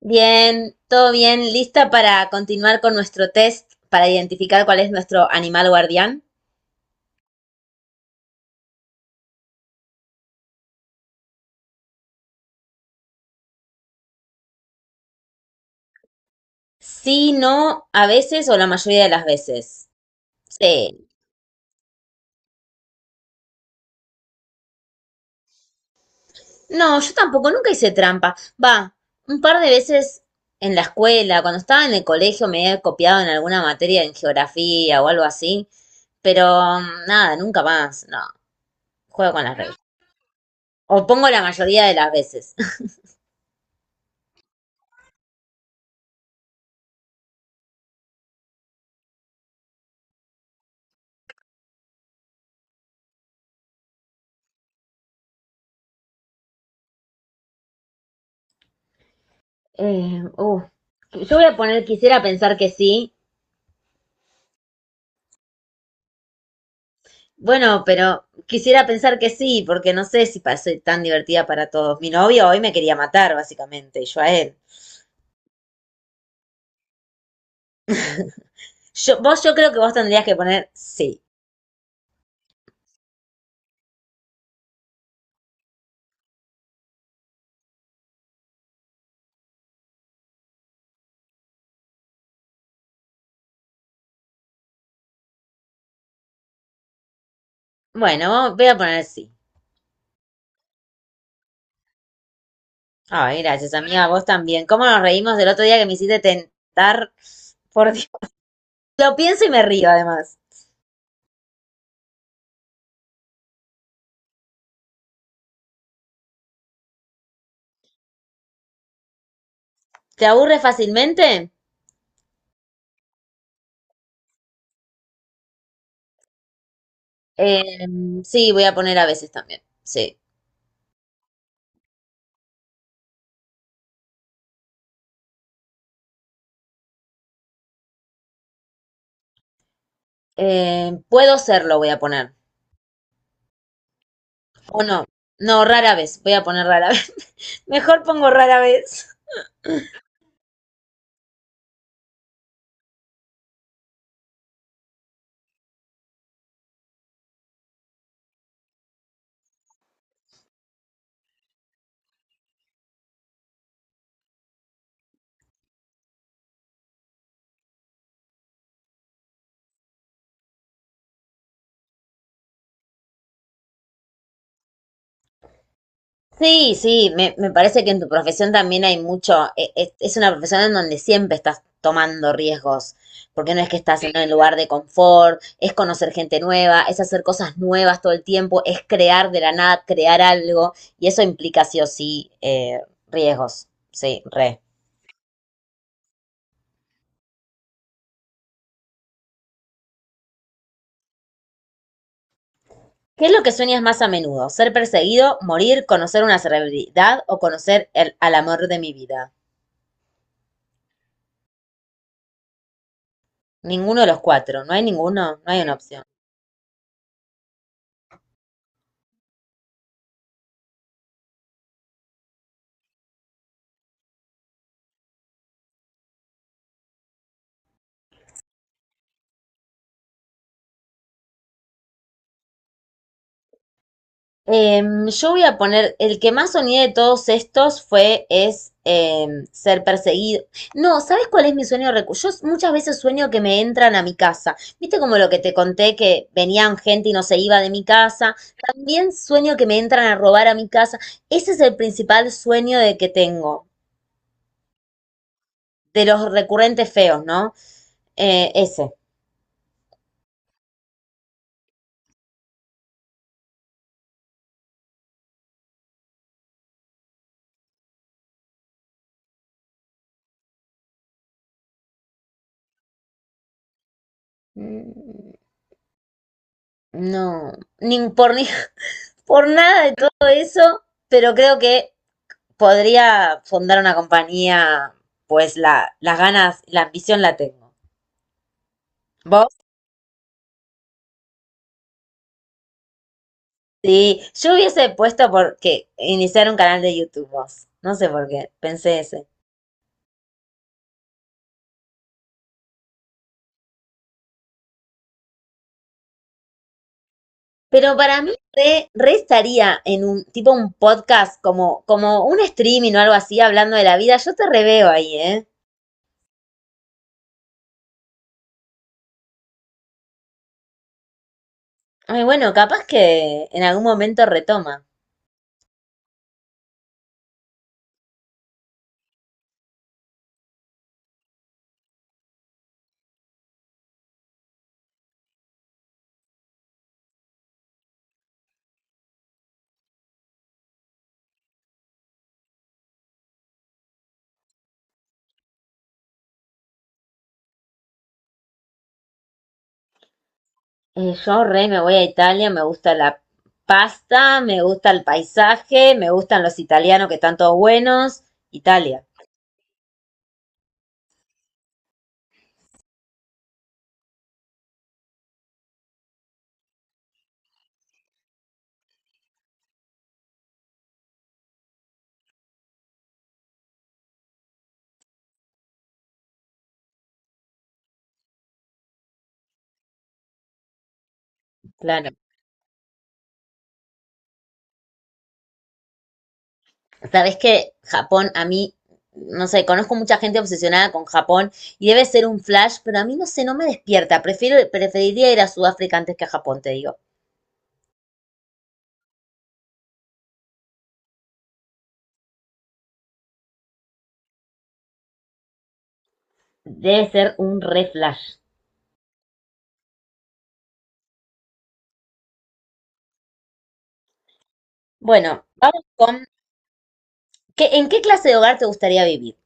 Bien, todo bien. ¿Lista para continuar con nuestro test para identificar cuál es nuestro animal guardián? Sí, no, a veces o la mayoría de las veces. Sí. No, yo tampoco, nunca hice trampa. Va, un par de veces en la escuela, cuando estaba en el colegio me he copiado en alguna materia en geografía o algo así, pero nada, nunca más. No, juego con las reglas. O pongo la mayoría de las veces. Eh, uh, yo voy a poner, quisiera pensar que sí. Bueno, pero quisiera pensar que sí, porque no sé si soy tan divertida para todos. Mi novio hoy me quería matar, básicamente, y yo a él. Yo, vos, yo creo que vos tendrías que poner sí. Bueno, voy a poner sí. Ay, gracias, amiga, vos también. ¿Cómo nos reímos del otro día que me hiciste tentar? Por Dios. Lo pienso y me río, además. ¿Te aburre fácilmente? Eh, sí, voy a poner a veces también. Sí. Puedo serlo, voy a poner. O no. No, rara vez. Voy a poner rara vez. Mejor pongo rara vez. Sí, sí, me parece que en tu profesión también hay mucho, es una profesión en donde siempre estás tomando riesgos, porque no es que estás sí, en sí, un lugar de confort, es conocer gente nueva, es hacer cosas nuevas todo el tiempo, es crear de la nada, crear algo, y eso implica sí o sí riesgos, sí, re. ¿Qué es lo que sueñas más a menudo? ¿Ser perseguido, morir, conocer una celebridad o conocer al amor de mi vida? Ninguno de los cuatro, no hay ninguno, no hay una opción. Yo voy a poner, el que más soñé de todos estos fue, es ser perseguido. No, ¿sabes cuál es mi sueño Yo muchas veces sueño que me entran a mi casa. ¿Viste como lo que te conté que venían gente y no se iba de mi casa? También sueño que me entran a robar a mi casa. Ese es el principal sueño de que tengo, de los recurrentes feos, ¿no? Ese. Mm, No, ni por, ni, por nada de todo eso, pero creo que podría fundar una compañía, pues las ganas, la ambición la tengo. ¿Vos? Sí, yo hubiese puesto porque iniciar un canal de YouTube, vos. No sé por qué, pensé ese. Pero para mí re estaría en un tipo un podcast, como un streaming o algo así, hablando de la vida. Yo te reveo ahí, ¿eh? Ay, bueno, capaz que en algún momento retoma. Yo re me voy a Italia, me gusta la pasta, me gusta el paisaje, me gustan los italianos que están todos buenos. Italia, claro. Sabes que Japón, a mí, no sé, conozco mucha gente obsesionada con Japón y debe ser un flash, pero a mí no sé, no me despierta. Preferiría ir a Sudáfrica antes que a Japón, te digo. Debe ser un re flash. Bueno, vamos con, ¿en qué clase de hogar te gustaría vivir?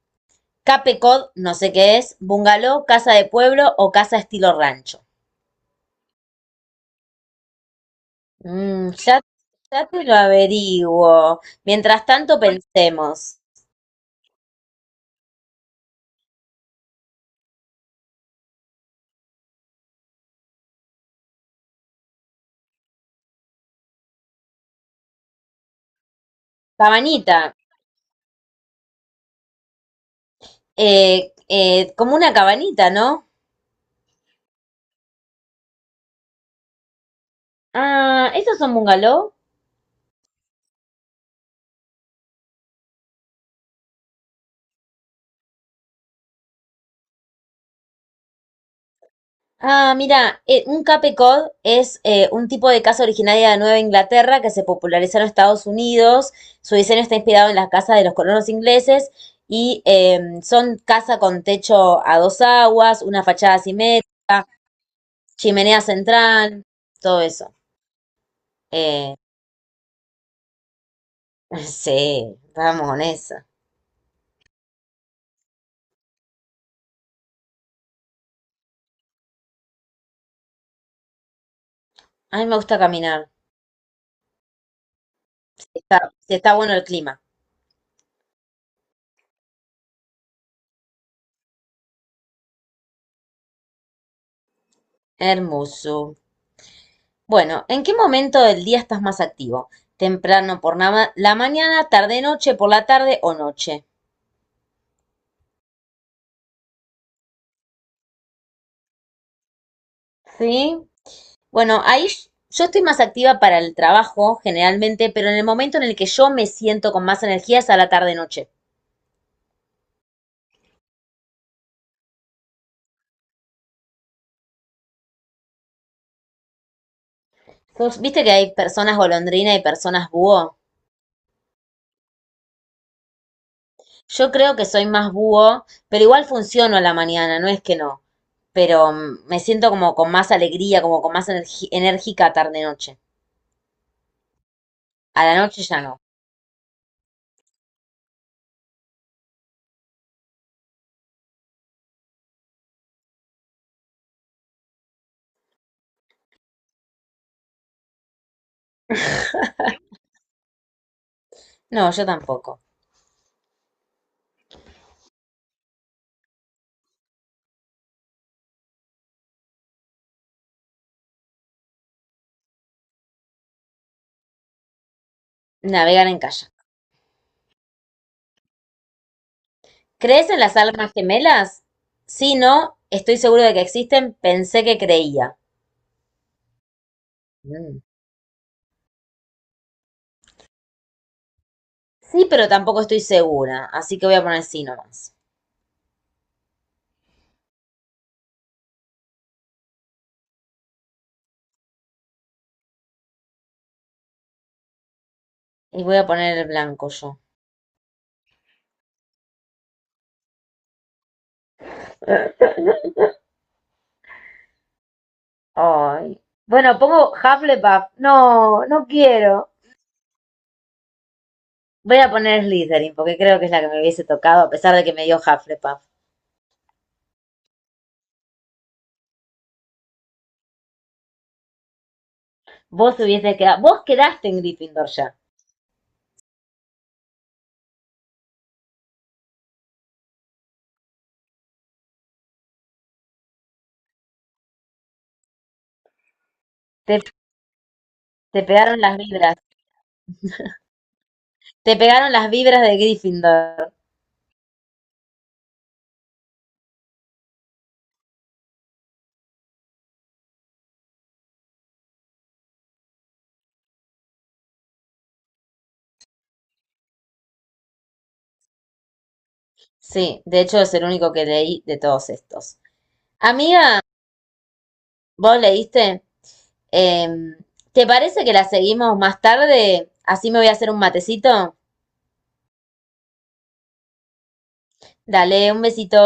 Cape Cod, no sé qué es, bungalow, casa de pueblo o casa estilo rancho. Mm, ya, ya te lo averiguo. Mientras tanto pensemos. Cabanita. Como una cabanita, ¿no? ¿Ah, esos son bungalow? Ah, mira, un Cape Cod es un tipo de casa originaria de Nueva Inglaterra que se popularizó en Estados Unidos. Su diseño está inspirado en las casas de los colonos ingleses y son casa con techo a dos aguas, una fachada simétrica, chimenea central, todo eso. Eh, sí, vamos con eso. A mí me gusta caminar. Está bueno el clima. Hermoso. Bueno, ¿en qué momento del día estás más activo? ¿Temprano por la, la mañana, tarde, noche, por la tarde o noche? Sí. Bueno, ahí yo estoy más activa para el trabajo generalmente, pero en el momento en el que yo me siento con más energía es a la tarde, noche. ¿Viste que hay personas golondrina y personas búho? Yo creo que soy más búho, pero igual funciono a la mañana, no es que no. Pero me siento como con más alegría, como con más enérgica tarde-noche. A la noche ya no. No, yo tampoco. Navegar en kayak. ¿Crees en las almas gemelas? Sí, no, estoy seguro de que existen. Pensé que creía. Mm. Sí, pero tampoco estoy segura, así que voy a poner sí nomás. Y voy a poner el blanco yo. Ay. Bueno, pongo Hufflepuff. No, no quiero. Voy a poner Slytherin porque creo que es la que me hubiese tocado, a pesar de que me dio Hufflepuff. Vos hubieses quedado, vos quedaste en Gryffindor ya. Te, te pegaron las vibras. Te pegaron las vibras de Gryffindor. Sí, de hecho es el único que leí de todos estos. Amiga, vos leíste, Em, ¿te parece que la seguimos más tarde? Así me voy a hacer un matecito. Dale, un besito.